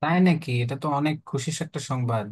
তাই নাকি? এটা তো অনেক খুশির একটা সংবাদ।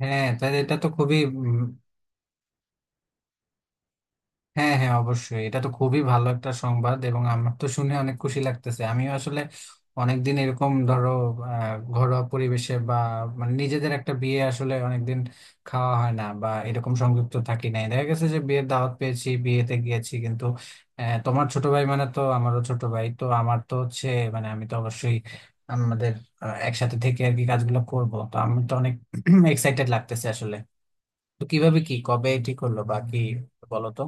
হ্যাঁ, তাহলে এটা তো খুবই হ্যাঁ হ্যাঁ, অবশ্যই এটা তো খুবই ভালো একটা সংবাদ, এবং আমার তো শুনে অনেক খুশি লাগতেছে। আমিও আসলে অনেকদিন এরকম ধরো ঘরোয়া পরিবেশে বা মানে নিজেদের একটা বিয়ে আসলে অনেকদিন খাওয়া হয় না, বা এরকম সংযুক্ত থাকি নাই, দেখা গেছে যে বিয়ের দাওয়াত পেয়েছি, বিয়েতে গিয়েছি, কিন্তু তোমার ছোট ভাই মানে তো আমারও ছোট ভাই, তো আমার তো হচ্ছে মানে আমি তো অবশ্যই আমাদের একসাথে থেকে আর কি কাজগুলো করব, তো আমি তো অনেক এক্সাইটেড লাগতেছে আসলে। তো কিভাবে কি কবে ঠিক করলো, বা কি বলো তো।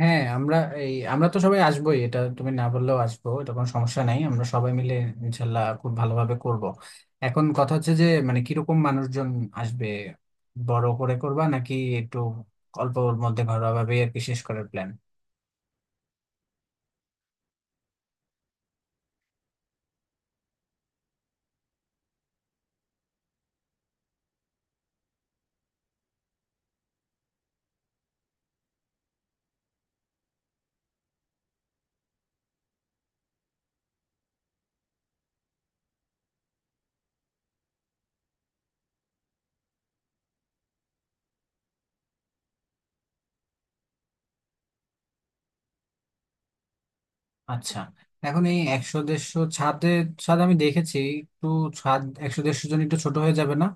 হ্যাঁ, আমরা এই আমরা তো সবাই আসবোই, এটা তুমি না বললেও আসবো, এটা কোনো সমস্যা নাই। আমরা সবাই মিলে ইনশাল্লাহ খুব ভালোভাবে করব। এখন কথা হচ্ছে যে মানে কিরকম মানুষজন আসবে, বড় করে করবা নাকি একটু অল্পর মধ্যে ঘরোয়া ভাবে আর কি শেষ করার প্ল্যান। আচ্ছা, এখন এই 100 150 ছাদে, ছাদ আমি দেখেছি, একটু ছাদ 100 150 জন একটু ছোট হয়ে যাবে না?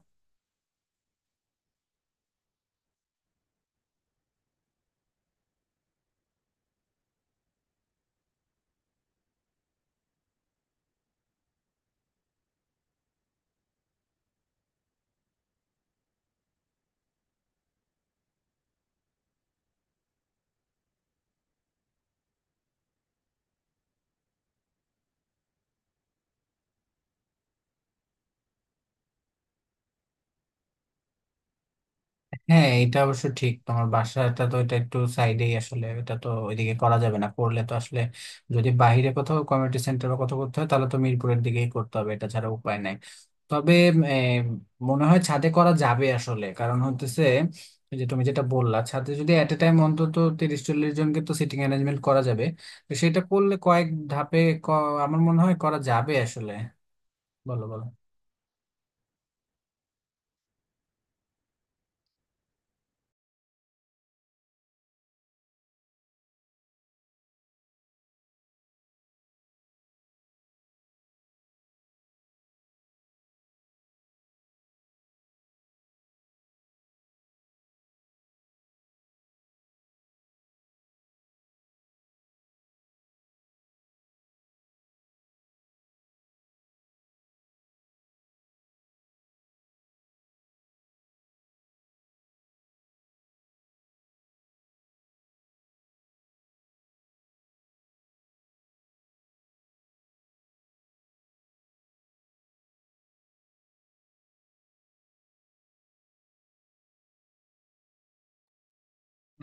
হ্যাঁ, এটা অবশ্য ঠিক, তোমার বাসাটা তো এটা একটু সাইডেই আসলে, এটা তো ওইদিকে করা যাবে না, করলে তো আসলে যদি বাইরে কোথাও কমিউনিটি সেন্টার বা কোথাও করতে হয় তাহলে তো মিরপুরের দিকেই করতে হবে, এটা ছাড়া উপায় নাই। তবে এম, মনে হয় ছাদে করা যাবে আসলে। কারণ হতেছে এই যে তুমি যেটা বললা, ছাদে যদি এট এ টাইম অন্তত 30 40 জনকে তো সিটিং অ্যারেঞ্জমেন্ট করা যাবে, তো সেটা করলে কয়েক ধাপে ক- আমার মনে হয় করা যাবে আসলে। বলো বলো।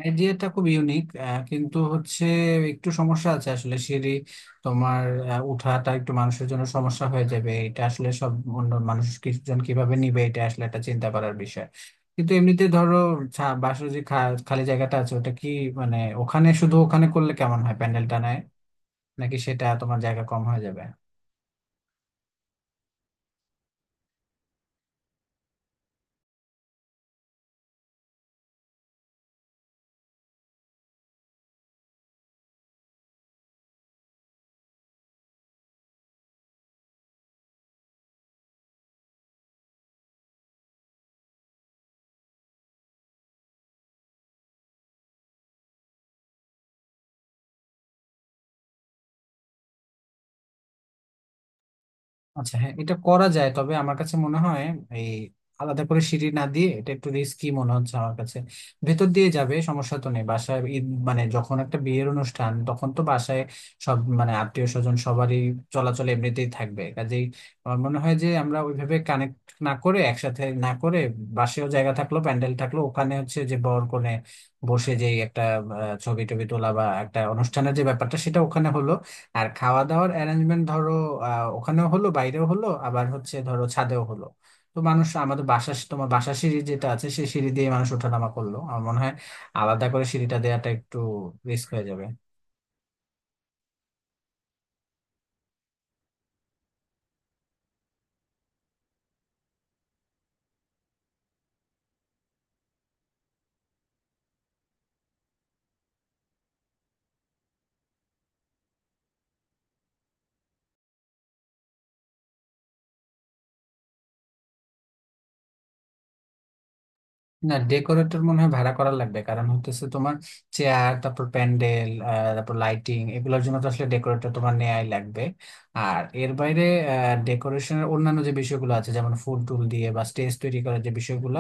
আইডিয়াটা খুব ইউনিক, কিন্তু হচ্ছে একটু সমস্যা আছে আসলে। সিঁড়ি তোমার উঠাটা একটু মানুষের জন্য সমস্যা হয়ে যাবে, এটা আসলে সব অন্য মানুষ কিছুজন কিভাবে নিবে এটা আসলে একটা চিন্তা করার বিষয়। কিন্তু এমনিতে ধরো বাসার যে খালি জায়গাটা আছে ওটা কি মানে ওখানে, শুধু ওখানে করলে কেমন হয় প্যান্ডেলটা নেয়, নাকি সেটা তোমার জায়গা কম হয়ে যাবে? আচ্ছা হ্যাঁ, এটা করা যায়, তবে আমার কাছে মনে হয় এই আলাদা করে সিঁড়ি না দিয়ে এটা একটু রিস্কি মনে হচ্ছে আমার কাছে। ভেতর দিয়ে যাবে, সমস্যা তো নেই, বাসায় ঈদ মানে যখন একটা বিয়ের অনুষ্ঠান তখন তো বাসায় সব মানে আত্মীয় স্বজন সবারই চলাচল এমনিতেই থাকবে। কাজেই আমার মনে হয় যে আমরা ওইভাবে কানেক্ট না করে, একসাথে না করে, বাসেও জায়গা থাকলো, প্যান্ডেল থাকলো, ওখানে হচ্ছে যে বর কনে বসে, যেই একটা ছবি টবি তোলা বা একটা অনুষ্ঠানের যে ব্যাপারটা সেটা ওখানে হলো, আর খাওয়া দাওয়ার অ্যারেঞ্জমেন্ট ধরো ওখানেও হলো, বাইরেও হলো, আবার হচ্ছে ধরো ছাদেও হলো। তো মানুষ আমাদের বাসা তোমার বাসা সিঁড়ি যেটা আছে সেই সিঁড়ি দিয়ে মানুষ ওঠানামা করলো, আমার মনে হয় আলাদা করে সিঁড়িটা দেওয়াটা একটু রিস্ক হয়ে যাবে। না, ডেকোরেটর মনে হয় ভাড়া করা লাগবে, কারণ হতেছে তোমার চেয়ার, তারপর প্যান্ডেল, তারপর লাইটিং, এগুলোর জন্য তো আসলে ডেকোরেটর তোমার নেয়াই লাগবে। আর এর বাইরে ডেকোরেশনের অন্যান্য যে বিষয়গুলো আছে, যেমন ফুল টুল দিয়ে বা স্টেজ তৈরি করার যে বিষয়গুলো,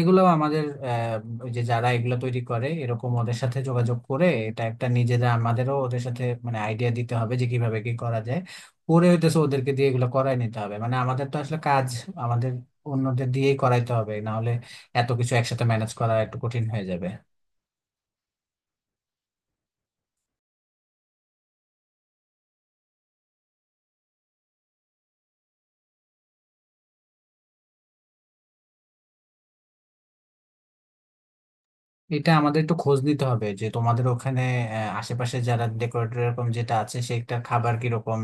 এগুলো আমাদের ওই যে যারা এগুলো তৈরি করে এরকম ওদের সাথে যোগাযোগ করে, এটা একটা নিজেরা আমাদেরও ওদের সাথে মানে আইডিয়া দিতে হবে যে কিভাবে কি করা যায়। পরে হইতেছে ওদেরকে দিয়ে এগুলো করাই নিতে হবে, মানে আমাদের তো আসলে কাজ আমাদের অন্যদের দিয়েই করাইতে হবে, না এত কিছু একসাথে ম্যানেজ করা একটু কঠিন হয়ে যাবে। এটা আমাদের একটু খোঁজ নিতে হবে যে তোমাদের ওখানে আশেপাশে যারা ডেকোরেটর এরকম যেটা আছে সেটা খাবার কিরকম,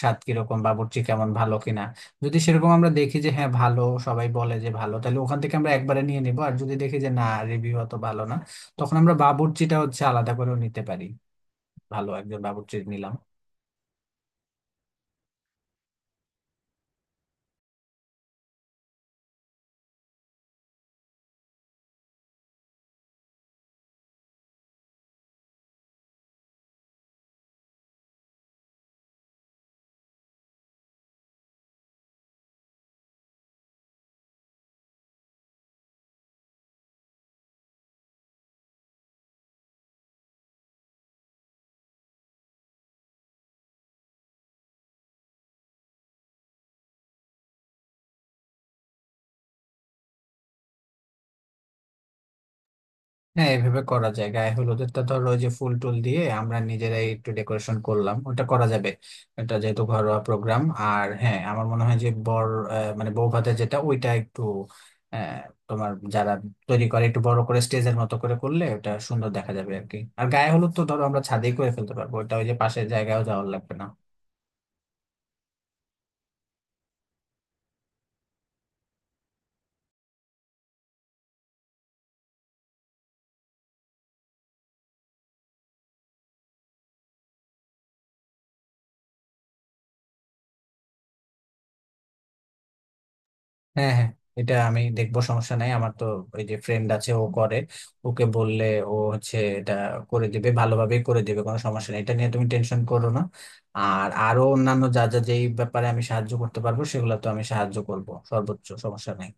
স্বাদ কিরকম, বাবুর্চি কেমন, ভালো কিনা। যদি সেরকম আমরা দেখি যে হ্যাঁ, ভালো সবাই বলে যে ভালো, তাহলে ওখান থেকে আমরা একবারে নিয়ে নিবো, আর যদি দেখি যে না, রিভিউ অত ভালো না, তখন আমরা বাবুর্চিটা হচ্ছে আলাদা করেও নিতে পারি, ভালো একজন বাবুর্চি নিলাম। হ্যাঁ, এভাবে করা যায়, গায়ে হলুদেরটা ধরো ওই যে ফুল টুল দিয়ে আমরা নিজেরাই একটু ডেকোরেশন করলাম, ওটা করা যাবে, এটা যেহেতু ঘরোয়া প্রোগ্রাম। আর হ্যাঁ, আমার মনে হয় যে বর মানে বউ ভাতের যেটা ওইটা একটু আহ, তোমার যারা তৈরি করে একটু বড় করে স্টেজের মতো করে করলে ওটা সুন্দর দেখা যাবে আর কি। আর গায়ে হলুদ তো ধরো আমরা ছাদেই করে ফেলতে পারবো ওটা, ওই যে পাশের জায়গায়ও যাওয়ার লাগবে না। হ্যাঁ হ্যাঁ, এটা আমি দেখবো, সমস্যা নাই। আমার তো ওই যে ফ্রেন্ড আছে ও করে, ওকে বললে ও হচ্ছে এটা করে দিবে, ভালোভাবেই করে দিবে, কোনো সমস্যা নেই, এটা নিয়ে তুমি টেনশন করো না। আর আরো অন্যান্য যা যা যেই ব্যাপারে আমি সাহায্য করতে পারবো সেগুলো তো আমি সাহায্য করব সর্বোচ্চ, সমস্যা নাই।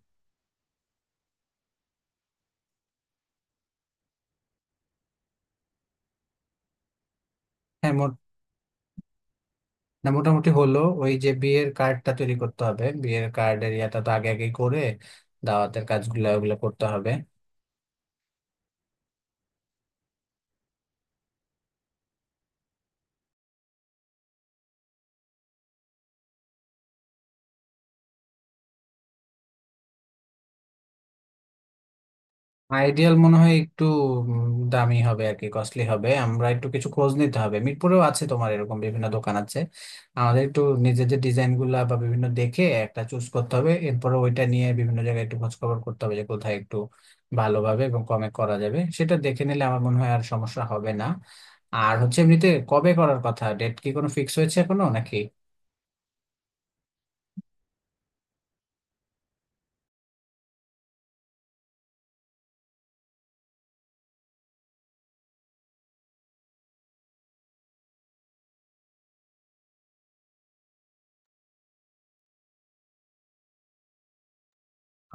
হ্যাঁ, মোট, না মোটামুটি হলো, ওই যে বিয়ের কার্ডটা তৈরি করতে হবে, বিয়ের কার্ডের ইয়াটা তো আগে আগেই করে দাওয়াতের কাজগুলো ওগুলো করতে হবে। আইডিয়াল মনে হয় একটু দামি হবে আর কি, কস্টলি হবে, আমরা একটু কিছু খোঁজ নিতে হবে, মিরপুরেও আছে তোমার এরকম বিভিন্ন দোকান আছে। আমাদের একটু নিজেদের ডিজাইন গুলা বা বিভিন্ন দেখে একটা চুজ করতে হবে, এরপরে ওইটা নিয়ে বিভিন্ন জায়গায় একটু খোঁজ খবর করতে হবে যে কোথায় একটু ভালোভাবে এবং কমে করা যাবে, সেটা দেখে নিলে আমার মনে হয় আর সমস্যা হবে না। আর হচ্ছে এমনিতে কবে করার কথা, ডেট কি কোনো ফিক্স হয়েছে এখনো নাকি?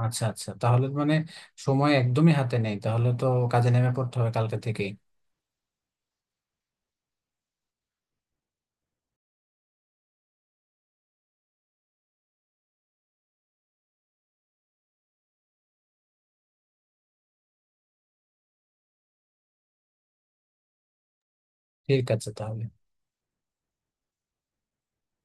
আচ্ছা আচ্ছা, তাহলে মানে সময় একদমই হাতে নেই তাহলে তো, কাজে নেমে পড়তে হবে কালকে থেকেই। ঠিক আছে তাহলে।